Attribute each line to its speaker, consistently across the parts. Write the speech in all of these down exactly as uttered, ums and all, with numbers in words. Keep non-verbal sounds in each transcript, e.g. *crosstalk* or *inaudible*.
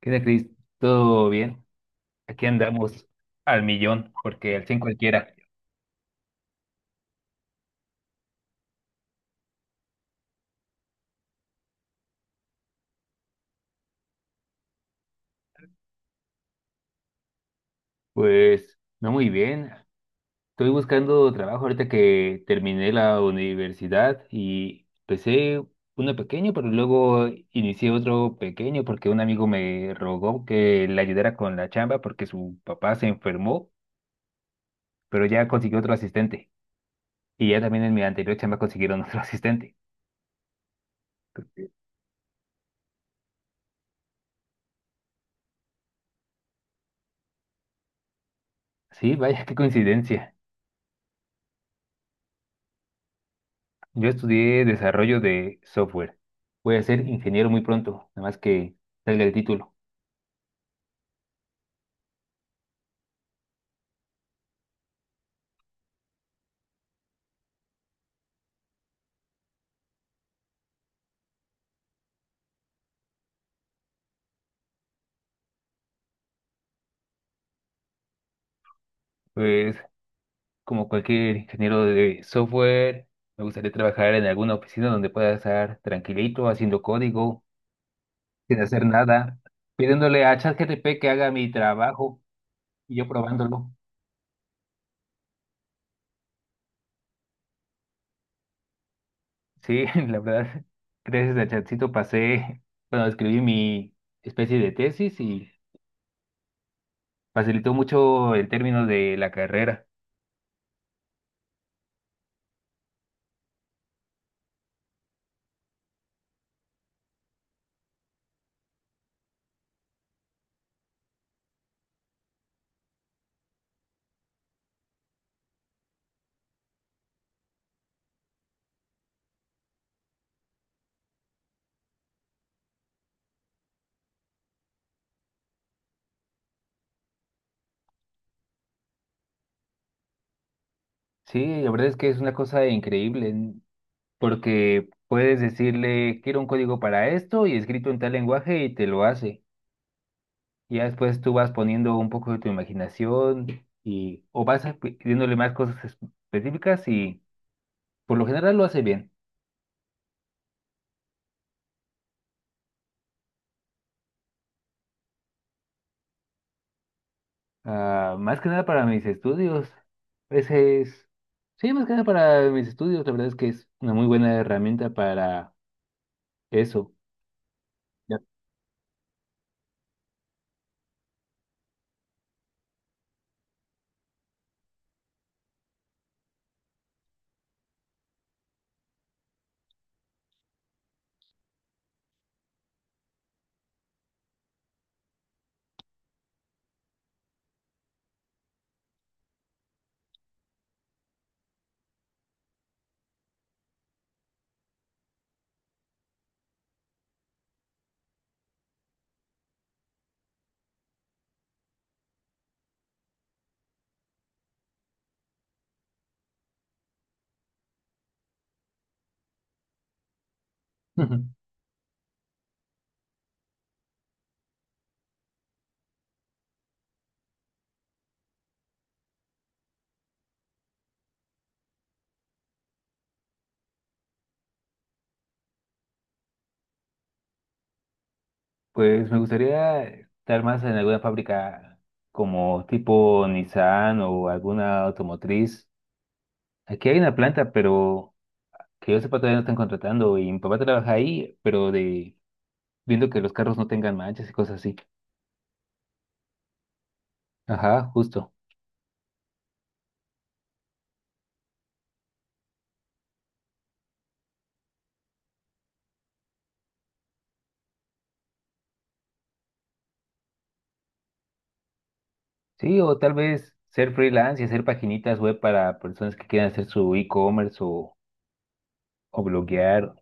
Speaker 1: ¿Qué tal, Cris? ¿Todo bien? Aquí andamos al millón, porque al cien cualquiera. Pues no muy bien. Estoy buscando trabajo ahorita que terminé la universidad y empecé uno pequeño, pero luego inicié otro pequeño porque un amigo me rogó que le ayudara con la chamba porque su papá se enfermó, pero ya consiguió otro asistente. Y ya también en mi anterior chamba consiguieron otro *laughs* asistente. Sí, vaya, qué coincidencia. Yo estudié desarrollo de software. Voy a ser ingeniero muy pronto, nada más que salga el título. Pues, como cualquier ingeniero de software, me gustaría trabajar en alguna oficina donde pueda estar tranquilito, haciendo código, sin hacer nada, pidiéndole a ChatGPT que haga mi trabajo y yo probándolo. Sí, *laughs* la verdad, gracias a Chatcito pasé, bueno, escribí mi especie de tesis y facilitó mucho el término de la carrera. Sí, la verdad es que es una cosa increíble, n- porque puedes decirle, quiero un código para esto y escrito en tal lenguaje y te lo hace. Y ya después tú vas poniendo un poco de tu imaginación y o vas a- pidiéndole más cosas es- específicas y por lo general lo hace bien. Ah, más que nada para mis estudios. Ese es, sí, más que nada para mis estudios, la verdad es que es una muy buena herramienta para eso. Ya. *laughs* Pues me gustaría estar más en alguna fábrica como tipo Nissan o alguna automotriz. Aquí hay una planta, pero que yo sepa todavía no están contratando y mi papá trabaja ahí, pero de viendo que los carros no tengan manchas y cosas así. Ajá, justo. Sí, o tal vez ser freelance y hacer paginitas web para personas que quieran hacer su e-commerce o, o bloguear.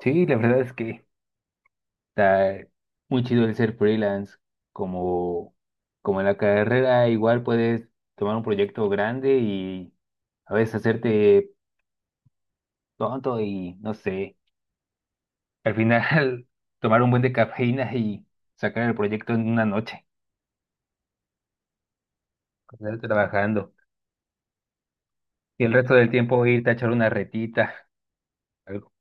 Speaker 1: Sí, la verdad es que está muy chido el ser freelance, como, como en la carrera, igual puedes tomar un proyecto grande y a veces hacerte tonto y no sé, al final *laughs* tomar un buen de cafeína y sacar el proyecto en una noche, con trabajando. Y el resto del tiempo irte a echar una retita, algo.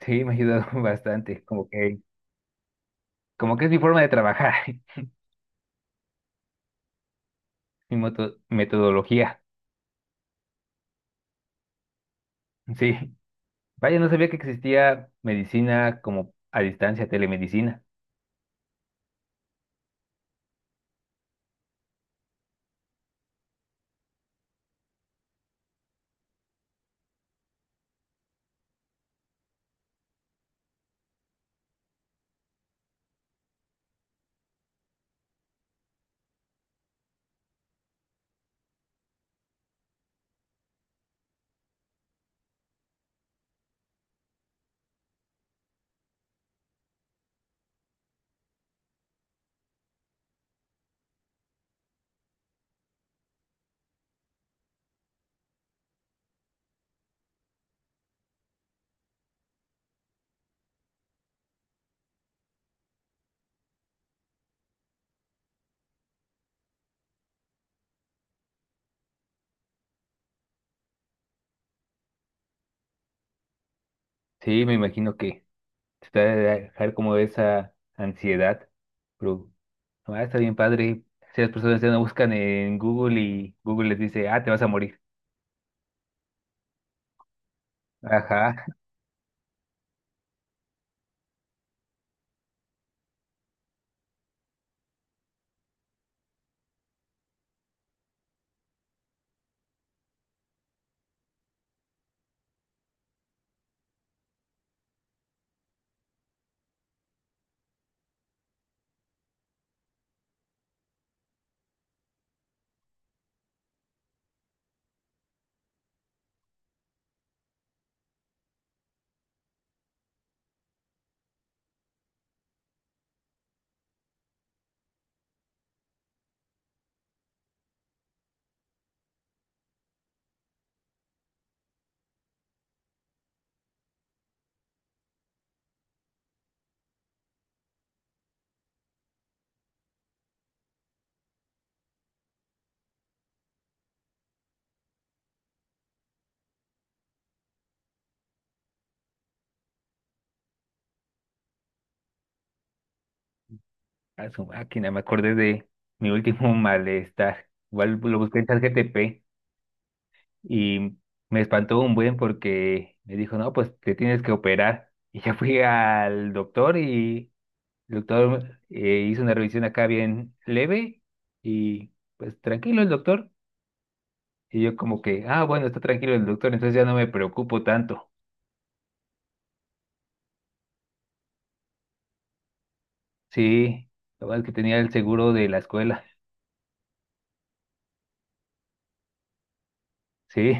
Speaker 1: Sí, me ha ayudado *laughs* bastante, como que, como que es mi forma de trabajar, *laughs* mi moto- metodología, sí. Vaya, no sabía que existía medicina como a distancia, telemedicina. Sí, me imagino que te va a dejar como esa ansiedad, pero no, ah, está bien padre. Si las personas ya no buscan en Google y Google les dice, ah, te vas a morir. Ajá, a su máquina, me acordé de mi último *laughs* malestar. Igual lo busqué en ChatGPT y me espantó un buen porque me dijo, no, pues te tienes que operar. Y ya fui al doctor y el doctor eh, hizo una revisión acá bien leve y pues tranquilo el doctor. Y yo como que, ah, bueno, está tranquilo el doctor, entonces ya no me preocupo tanto. Sí, lo bueno es que tenía el seguro de la escuela. Sí,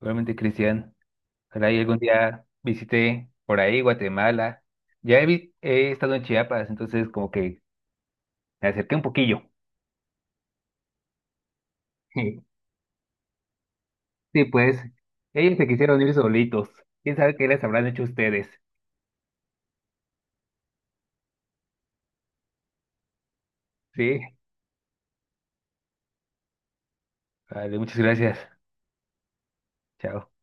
Speaker 1: realmente Cristian. Ojalá y algún día visité por ahí Guatemala. Ya he, vi- he estado en Chiapas, entonces como que me acerqué un poquillo. *laughs* Sí, pues, ellos se quisieron ir solitos. ¿Quién sabe qué les habrán hecho ustedes? Sí, vale, muchas gracias. Chao.